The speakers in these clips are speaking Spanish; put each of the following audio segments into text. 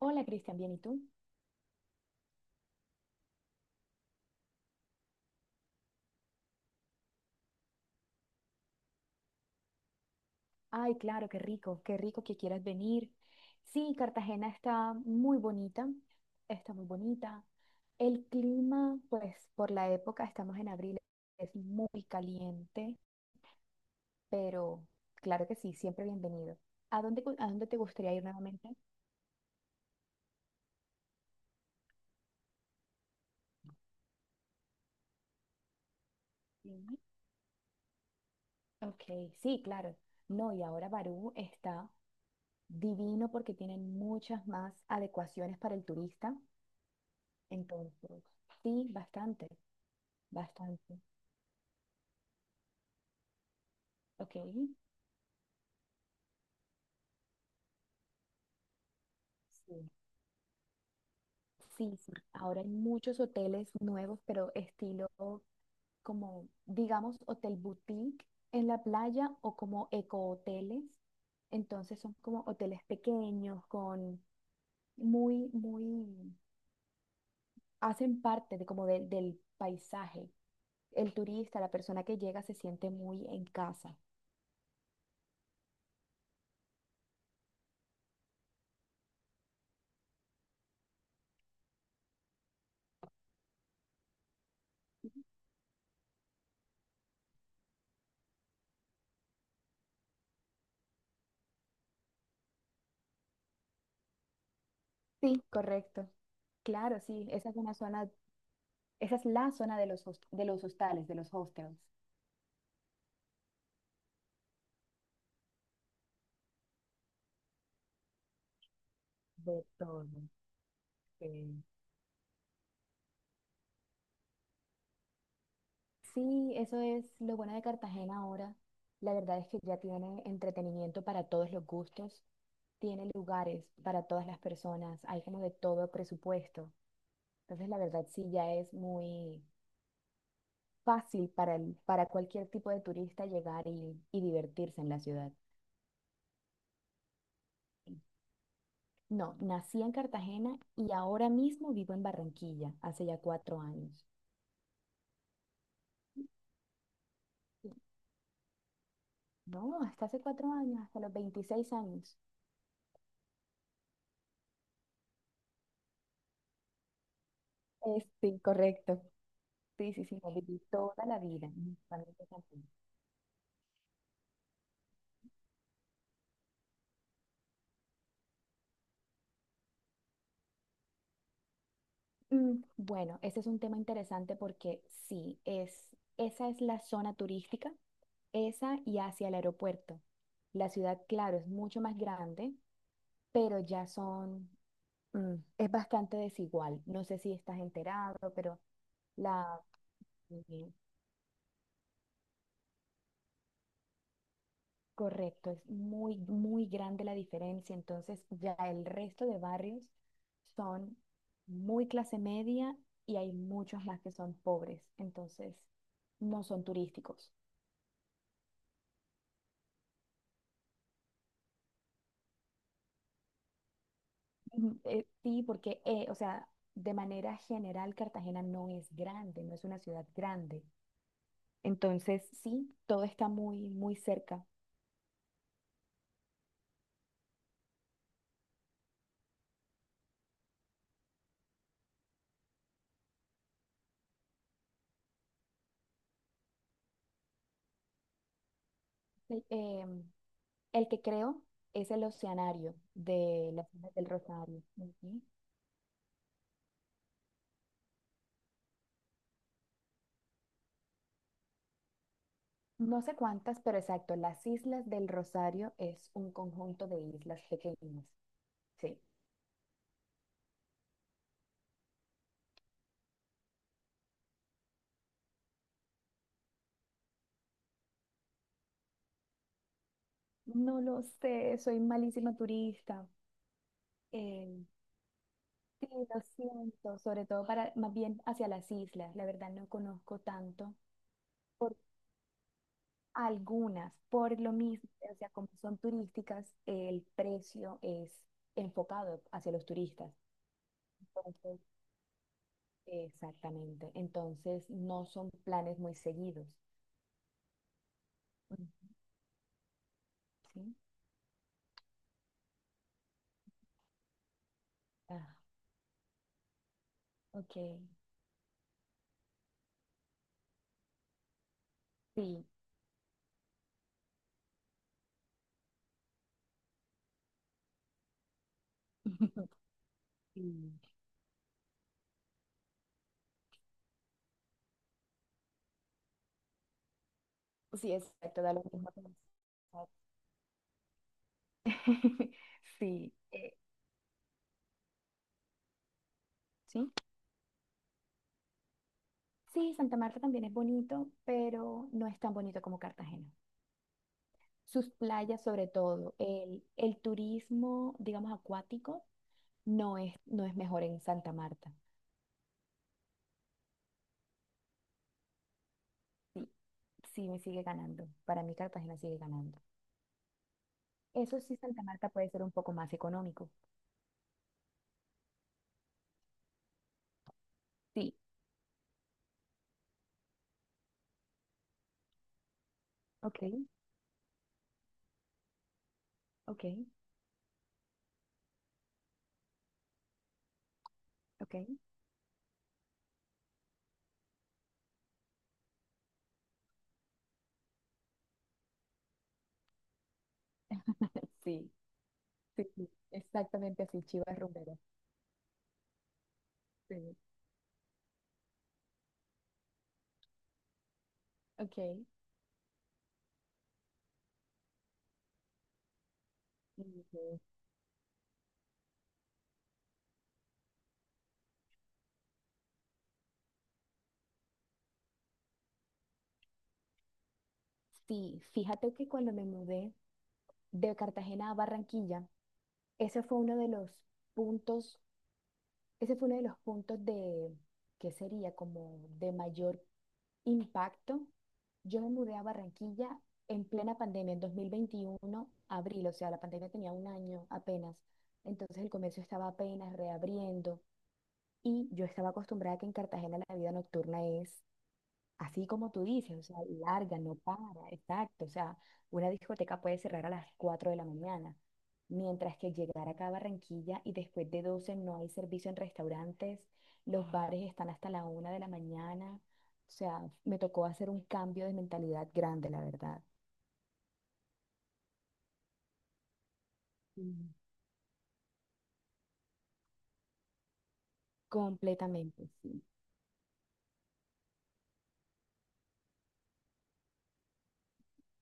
Hola Cristian, ¿bien y tú? Ay, claro, qué rico que quieras venir. Sí, Cartagena está muy bonita, está muy bonita. El clima, pues por la época, estamos en abril, es muy caliente, pero claro que sí, siempre bienvenido. ¿A dónde, a dónde te gustaría ir nuevamente? Dime. Ok, sí, claro. No, y ahora Barú está divino porque tienen muchas más adecuaciones para el turista. Entonces, sí, bastante, bastante. Ok, sí, sí, sí. Ahora hay muchos hoteles nuevos, pero estilo como, digamos, hotel boutique en la playa o como ecohoteles. Entonces son como hoteles pequeños, con muy, muy, hacen parte de como del paisaje. El turista, la persona que llega, se siente muy en casa. Sí, correcto. Claro, sí, esa es una zona, esa es la zona de de los hostales, de los hostels. De todo. Sí. Sí, eso es lo bueno de Cartagena ahora. La verdad es que ya tiene entretenimiento para todos los gustos, tiene lugares para todas las personas, hay como de todo presupuesto. Entonces, la verdad sí ya es muy fácil para cualquier tipo de turista llegar y divertirse en la ciudad. No, nací en Cartagena y ahora mismo vivo en Barranquilla, hace ya 4 años. No, hasta hace 4 años, hasta los 26 años. Es, sí, correcto. Sí, sí, sí. Lo viví toda la vida. Mi familia también. Bueno, ese es un tema interesante porque sí, es, esa es la zona turística, esa y hacia el aeropuerto. La ciudad, claro, es mucho más grande, pero ya son, es bastante desigual. No sé si estás enterado, pero la, correcto, es muy, muy grande la diferencia. Entonces, ya el resto de barrios son muy clase media y hay muchos más que son pobres. Entonces, no son turísticos. Ujú. Sí, porque, o sea, de manera general, Cartagena no es grande, no es una ciudad grande. Entonces, sí, todo está muy, muy cerca. El, em, el que creo es el Oceanario de la zona del Rosario. Ujú. No sé cuántas, pero exacto, las Islas del Rosario es un conjunto de islas pequeñas. Sí. No lo sé, soy malísima turista. Eh, Sí, lo siento, sobre todo para más bien hacia las islas. La verdad no conozco tanto por algunas, por lo mismo, o sea, como son turísticas, el precio es enfocado hacia los turistas. Entonces, exactamente. Entonces, no son planes muy seguidos. Ujú. ¿Sí? Ah, ok. Sí, sí. Sí, exacto, da lo mismo. Sí, sí, sí, Santa Marta también es bonito, pero no es tan bonito como Cartagena. Sus playas, sobre todo, el turismo, digamos, acuático, no es, no es mejor en Santa Marta. Sí, sí, me sigue ganando. Para mí, Cartagena sigue ganando. Eso sí, Santa Marta puede ser un poco más económico. Sí, ok, ok, ok. Sí, sí, sí, exactamente así, Chivas Rumbero. Sí. Ok. Ujú. Sí, fíjate que cuando me mudé de Cartagena a Barranquilla, ese fue uno de los puntos, ese fue uno de los puntos de, ¿qué sería? Como de mayor impacto. Yo me mudé a Barranquilla en plena pandemia, en 2021, abril, o sea, la pandemia tenía un año apenas. Entonces el comercio estaba apenas reabriendo y yo estaba acostumbrada a que en Cartagena la vida nocturna es así como tú dices, o sea, larga, no para, exacto. O sea, una discoteca puede cerrar a las 4 de la mañana, mientras que llegar acá a Barranquilla y después de 12 no hay servicio en restaurantes, los bares están hasta la 1 de la mañana. O sea, me tocó hacer un cambio de mentalidad grande, la verdad. Mm. Completamente, sí.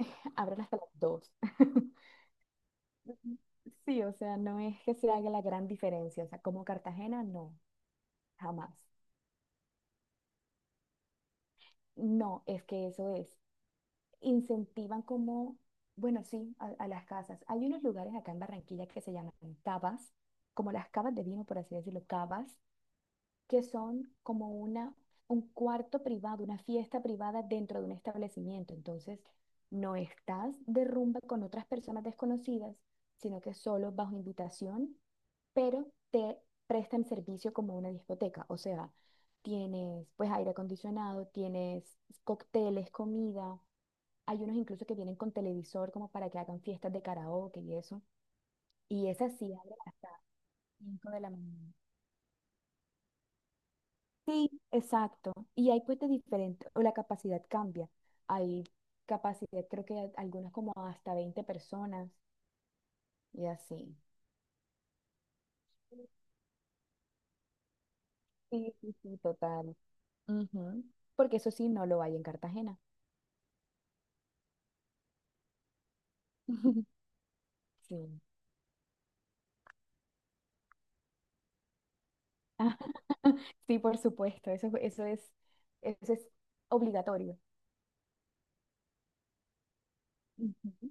Abren hasta las 2 Sí, o sea, no es que se haga la gran diferencia, o sea, como Cartagena, no, jamás. No, es que eso es, incentivan como, bueno, sí, a las casas. Hay unos lugares acá en Barranquilla que se llaman cavas, como las cavas de vino, por así decirlo, cavas, que son como un cuarto privado, una fiesta privada dentro de un establecimiento. Entonces, no estás de rumba con otras personas desconocidas, sino que solo bajo invitación, pero te prestan servicio como una discoteca. O sea, tienes pues aire acondicionado, tienes cócteles, comida hay unos incluso que vienen con televisor como para que hagan fiestas de karaoke y eso. Y esa sí abre hasta las 5 de la mañana. Sí, exacto. Y hay pues de diferente, o la capacidad cambia. Hay capacidad, creo que algunas como hasta 20 personas y así. Sí, sí, sí, total. Ujú. Porque eso sí, no lo hay en Cartagena. Sí. Ah, sí, por supuesto, eso, eso es obligatorio. Ujú.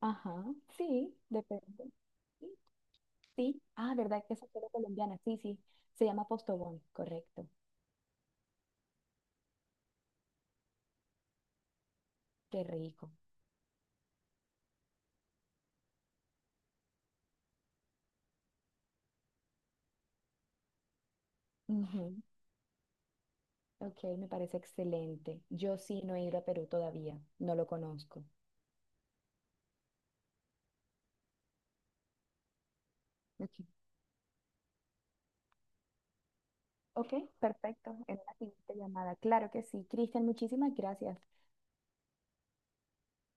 Ajá, sí, depende. Sí, ah, ¿verdad que es acero colombiana? Sí, sí, se llama Postobón, correcto. Qué rico. Ujú. Ok, me parece excelente. Yo sí no he ido a Perú todavía, no lo conozco. Ok, ok, perfecto. En una siguiente llamada. Claro que sí. Cristian, muchísimas gracias.